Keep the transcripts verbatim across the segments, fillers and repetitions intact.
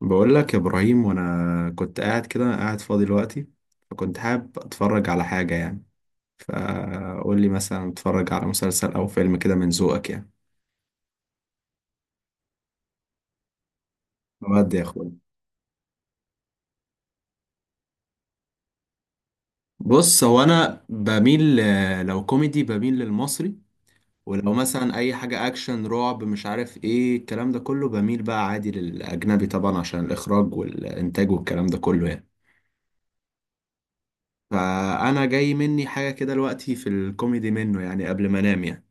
بقول لك يا ابراهيم، وانا كنت قاعد كده قاعد فاضي دلوقتي، فكنت حابب اتفرج على حاجه يعني. فقول لي مثلا اتفرج على مسلسل او فيلم كده من ذوقك يعني. بجد يا اخويا. بص، هو انا بميل ل- لو كوميدي بميل للمصري، ولو مثلا اي حاجه اكشن رعب مش عارف ايه الكلام ده كله بميل بقى عادي للاجنبي طبعا عشان الاخراج والانتاج والكلام ده كله يعني. فانا جاي مني حاجه كده دلوقتي في الكوميدي منه يعني، قبل ما انام يعني.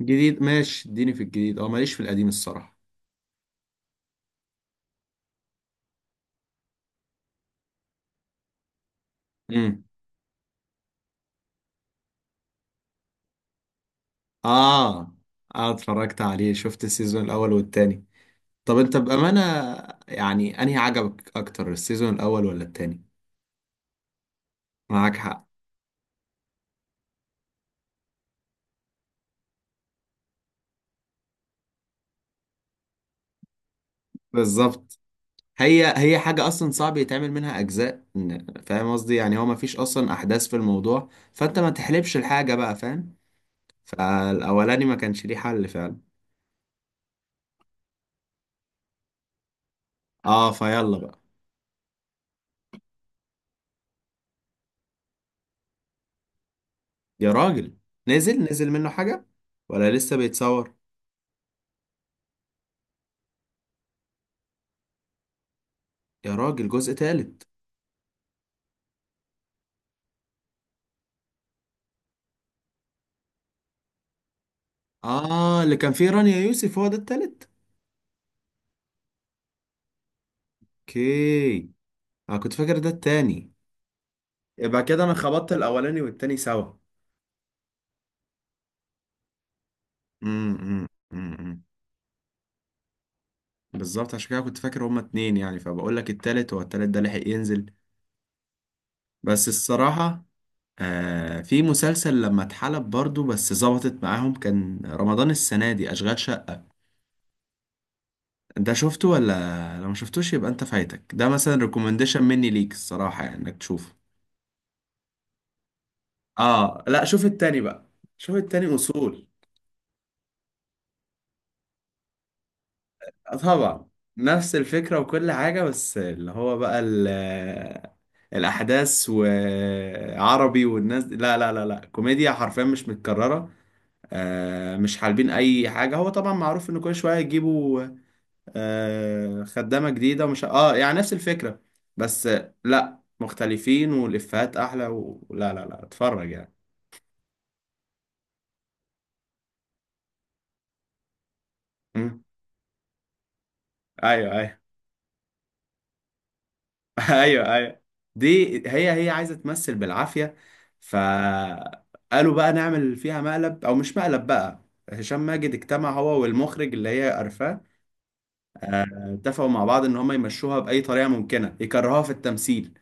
جديد ماشي، اديني في الجديد، اه ماليش في القديم الصراحة. امم اه، اه اتفرجت عليه، شفت السيزون الاول والتاني. طب انت بأمانة، يعني انهي عجبك اكتر، السيزون الاول ولا التاني؟ معاك حق. بالظبط، هي هي حاجة اصلا صعب يتعمل منها اجزاء. إن- فاهم قصدي يعني، هو مفيش اصلا احداث في الموضوع، فانت ما تحلبش الحاجة بقى، فاهم. فالاولاني ما كانش ليه حل فعلا. اه فيلا بقى. يا راجل، نزل؟ نزل منه حاجة ولا لسه بيتصور؟ يا راجل، جزء تالت؟ اه اللي كان فيه رانيا يوسف هو ده التالت. اوكي. انا كنت فاكر ده التاني. يبقى كده انا خبطت الاولاني والتاني سوا. امم امم بالظبط، عشان كده كنت فاكر هما اتنين يعني، فبقول لك التالت هو، التالت ده لحق ينزل؟ بس الصراحة، آه في مسلسل لما اتحلب برضو بس ظبطت معاهم، كان رمضان السنة دي، أشغال شقة. ده شفته ولا لو ما شفتوش يبقى انت فايتك، ده مثلا ريكومنديشن مني ليك الصراحة، يعني انك تشوفه. اه لا، شوف التاني بقى، شوف التاني اصول. آه، طبعا، نفس الفكرة وكل حاجة، بس اللي هو بقى ال- آه، الأحداث وعربي والناس دي، لا لا لا لا، كوميديا حرفيا مش متكررة. آه، مش حالبين أي حاجة. هو طبعا معروف إن كل شوية يجيبوا آه خدامة جديدة ومش اه، يعني نفس الفكرة بس، آه، لا مختلفين والإفيهات أحلى، ولا لا لا لا، اتفرج يعني. مم. أيوه أيوه. ايوه ايوه، دي هي هي عايزه تمثل بالعافيه، فقالوا بقى نعمل فيها مقلب، او مش مقلب بقى. هشام ماجد اجتمع هو والمخرج اللي هي قرفاه، اتفقوا مع بعض ان هم يمشوها باي طريقه ممكنه يكرهوها في التمثيل.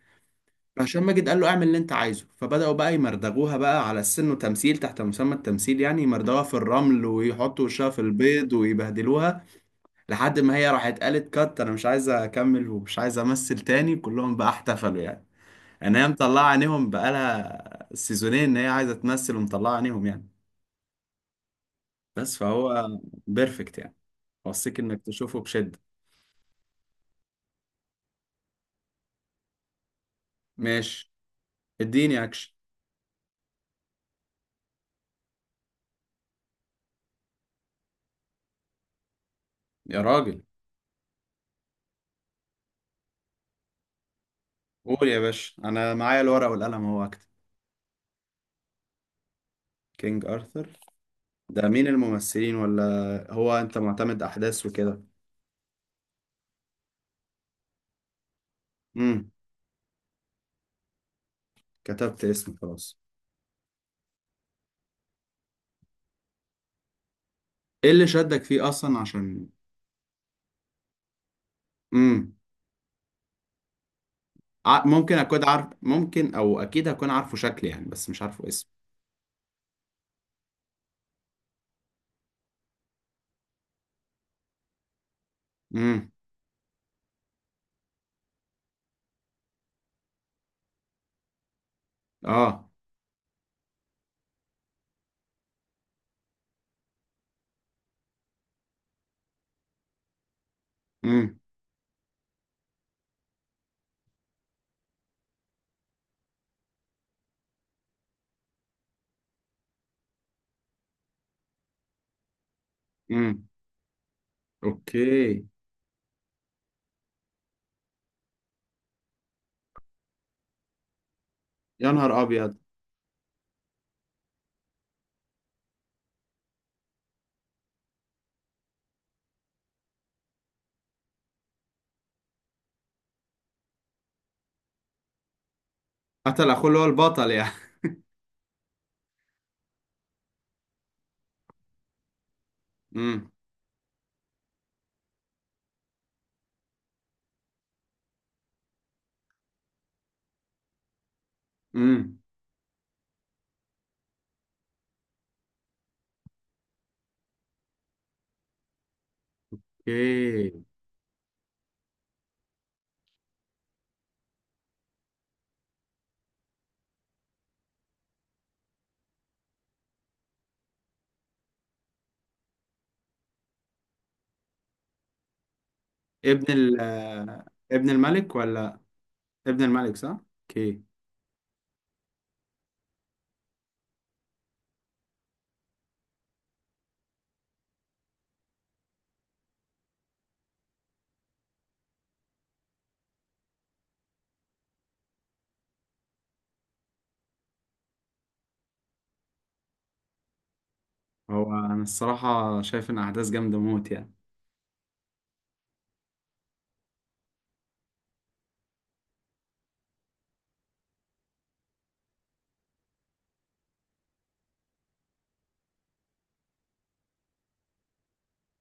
فهشام ماجد قال له اعمل اللي انت عايزه، فبداوا بقى يمردغوها بقى على السن وتمثيل تحت مسمى التمثيل يعني، يمردغوها في الرمل ويحطوا وشها في البيض ويبهدلوها، لحد ما هي راحت قالت كات، انا مش عايزه اكمل ومش عايزه امثل تاني. كلهم بقى احتفلوا يعني، ان هي مطلعه عينيهم بقالها سيزونين ان هي عايزه تمثل، ومطلعه عينيهم يعني. بس فهو بيرفكت يعني، اوصيك انك تشوفه بشده. ماشي، اديني اكشن. يا راجل، قول يا باشا، انا معايا الورقه والقلم اهو اكتب. كينج ارثر. ده مين الممثلين؟ ولا هو انت معتمد احداث وكده؟ امم كتبت اسمه خلاص. ايه اللي شدك فيه اصلا عشان؟ امم ع- ممكن اكون عارف، ممكن او اكيد هكون عارفه شكل يعني بس مش عارفه اسم. امم اه. امم اوكي. يا نهار ابيض. قتل اخوه اللي هو البطل يعني؟ امم امم اوكي. ابن ال آه، ابن الملك ولا؟ ابن الملك، صح؟ اوكي. هو انا الصراحه شايف ان احداث جامده موت يعني.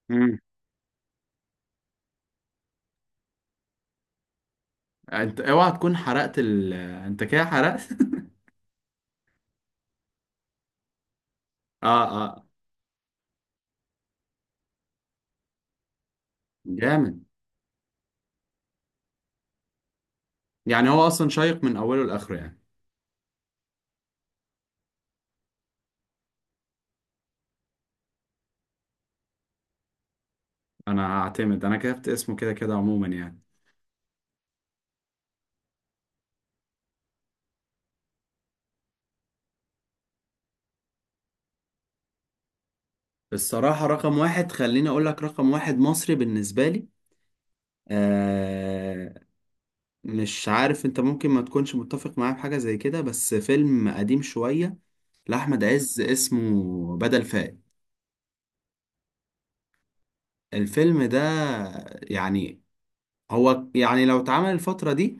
امم انت اوعى تكون حرقت ال آه، انت كده حرقت! اه اه. جامد، يعني هو اصلا شيق من اوله لاخره يعني. انا هعتمد، انا كتبت اسمه كده كده عموما يعني. الصراحه رقم واحد، خليني اقول لك رقم واحد مصري بالنسبه لي. آه، مش عارف انت ممكن ما تكونش متفق معايا في حاجة زي كده، بس فيلم قديم شوية لأحمد عز اسمه بدل فائت. الفيلم ده يعني، هو يعني لو اتعمل الفترة دي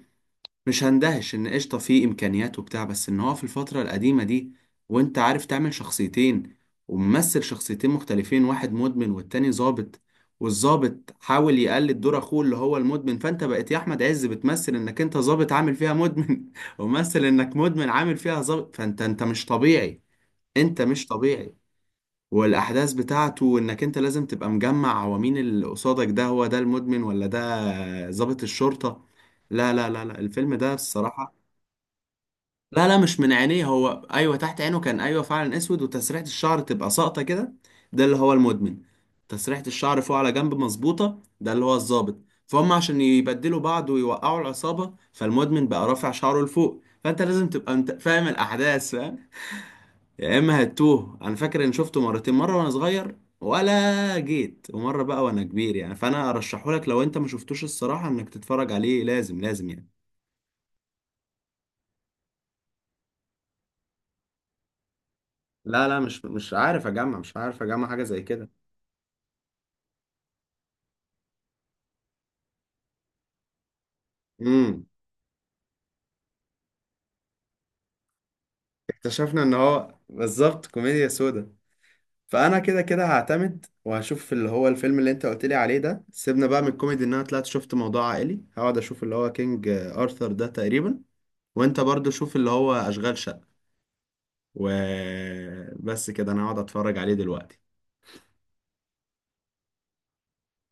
مش هندهش ان قشطه، فيه امكانيات وبتاع، بس ان هو في الفتره القديمه دي وانت عارف تعمل شخصيتين، وممثل شخصيتين مختلفين، واحد مدمن والتاني ظابط، والظابط حاول يقلد دور اخوه اللي هو المدمن، فانت بقيت يا احمد عز بتمثل انك انت ظابط عامل فيها مدمن وممثل انك مدمن عامل فيها ظابط، فانت انت مش طبيعي. انت مش طبيعي. والاحداث بتاعته انك انت لازم تبقى مجمع هو مين اللي قصادك ده، هو ده المدمن ولا ده ظابط الشرطة؟ لا لا لا لا، الفيلم ده الصراحة. لا لا، مش من عينيه، هو ايوه تحت عينه كان ايوه فعلا اسود، وتسريحه الشعر تبقى ساقطه كده، ده اللي هو المدمن. تسريحه الشعر فوق على جنب مظبوطه، ده اللي هو الضابط. فهم عشان يبدلوا بعض ويوقعوا العصابه، فالمدمن بقى رافع شعره لفوق، فانت لازم تبقى انت فاهم الاحداث، فاهم؟ يا اما هتوه. انا فاكر ان شفته مرتين، مره وانا صغير، ولا جيت ومره بقى وانا كبير يعني، فانا ارشحهولك لو انت ما شفتوش الصراحه انك تتفرج عليه، لازم لازم يعني. لا لا، مش مش عارف اجمع، مش عارف اجمع حاجه زي كده. امم اكتشفنا ان هو بالظبط كوميديا سودا. فانا كده كده هعتمد وهشوف اللي هو الفيلم اللي انت قلت لي عليه ده، سيبنا بقى من الكوميدي، ان انا طلعت شفت موضوع عائلي، هقعد اشوف اللي هو كينج ارثر ده تقريبا. وانت برضو شوف اللي هو اشغال شقة. وبس كده، انا هقعد اتفرج عليه دلوقتي.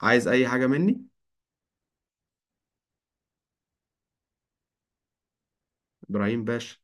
عايز اي حاجة مني، ابراهيم باشا؟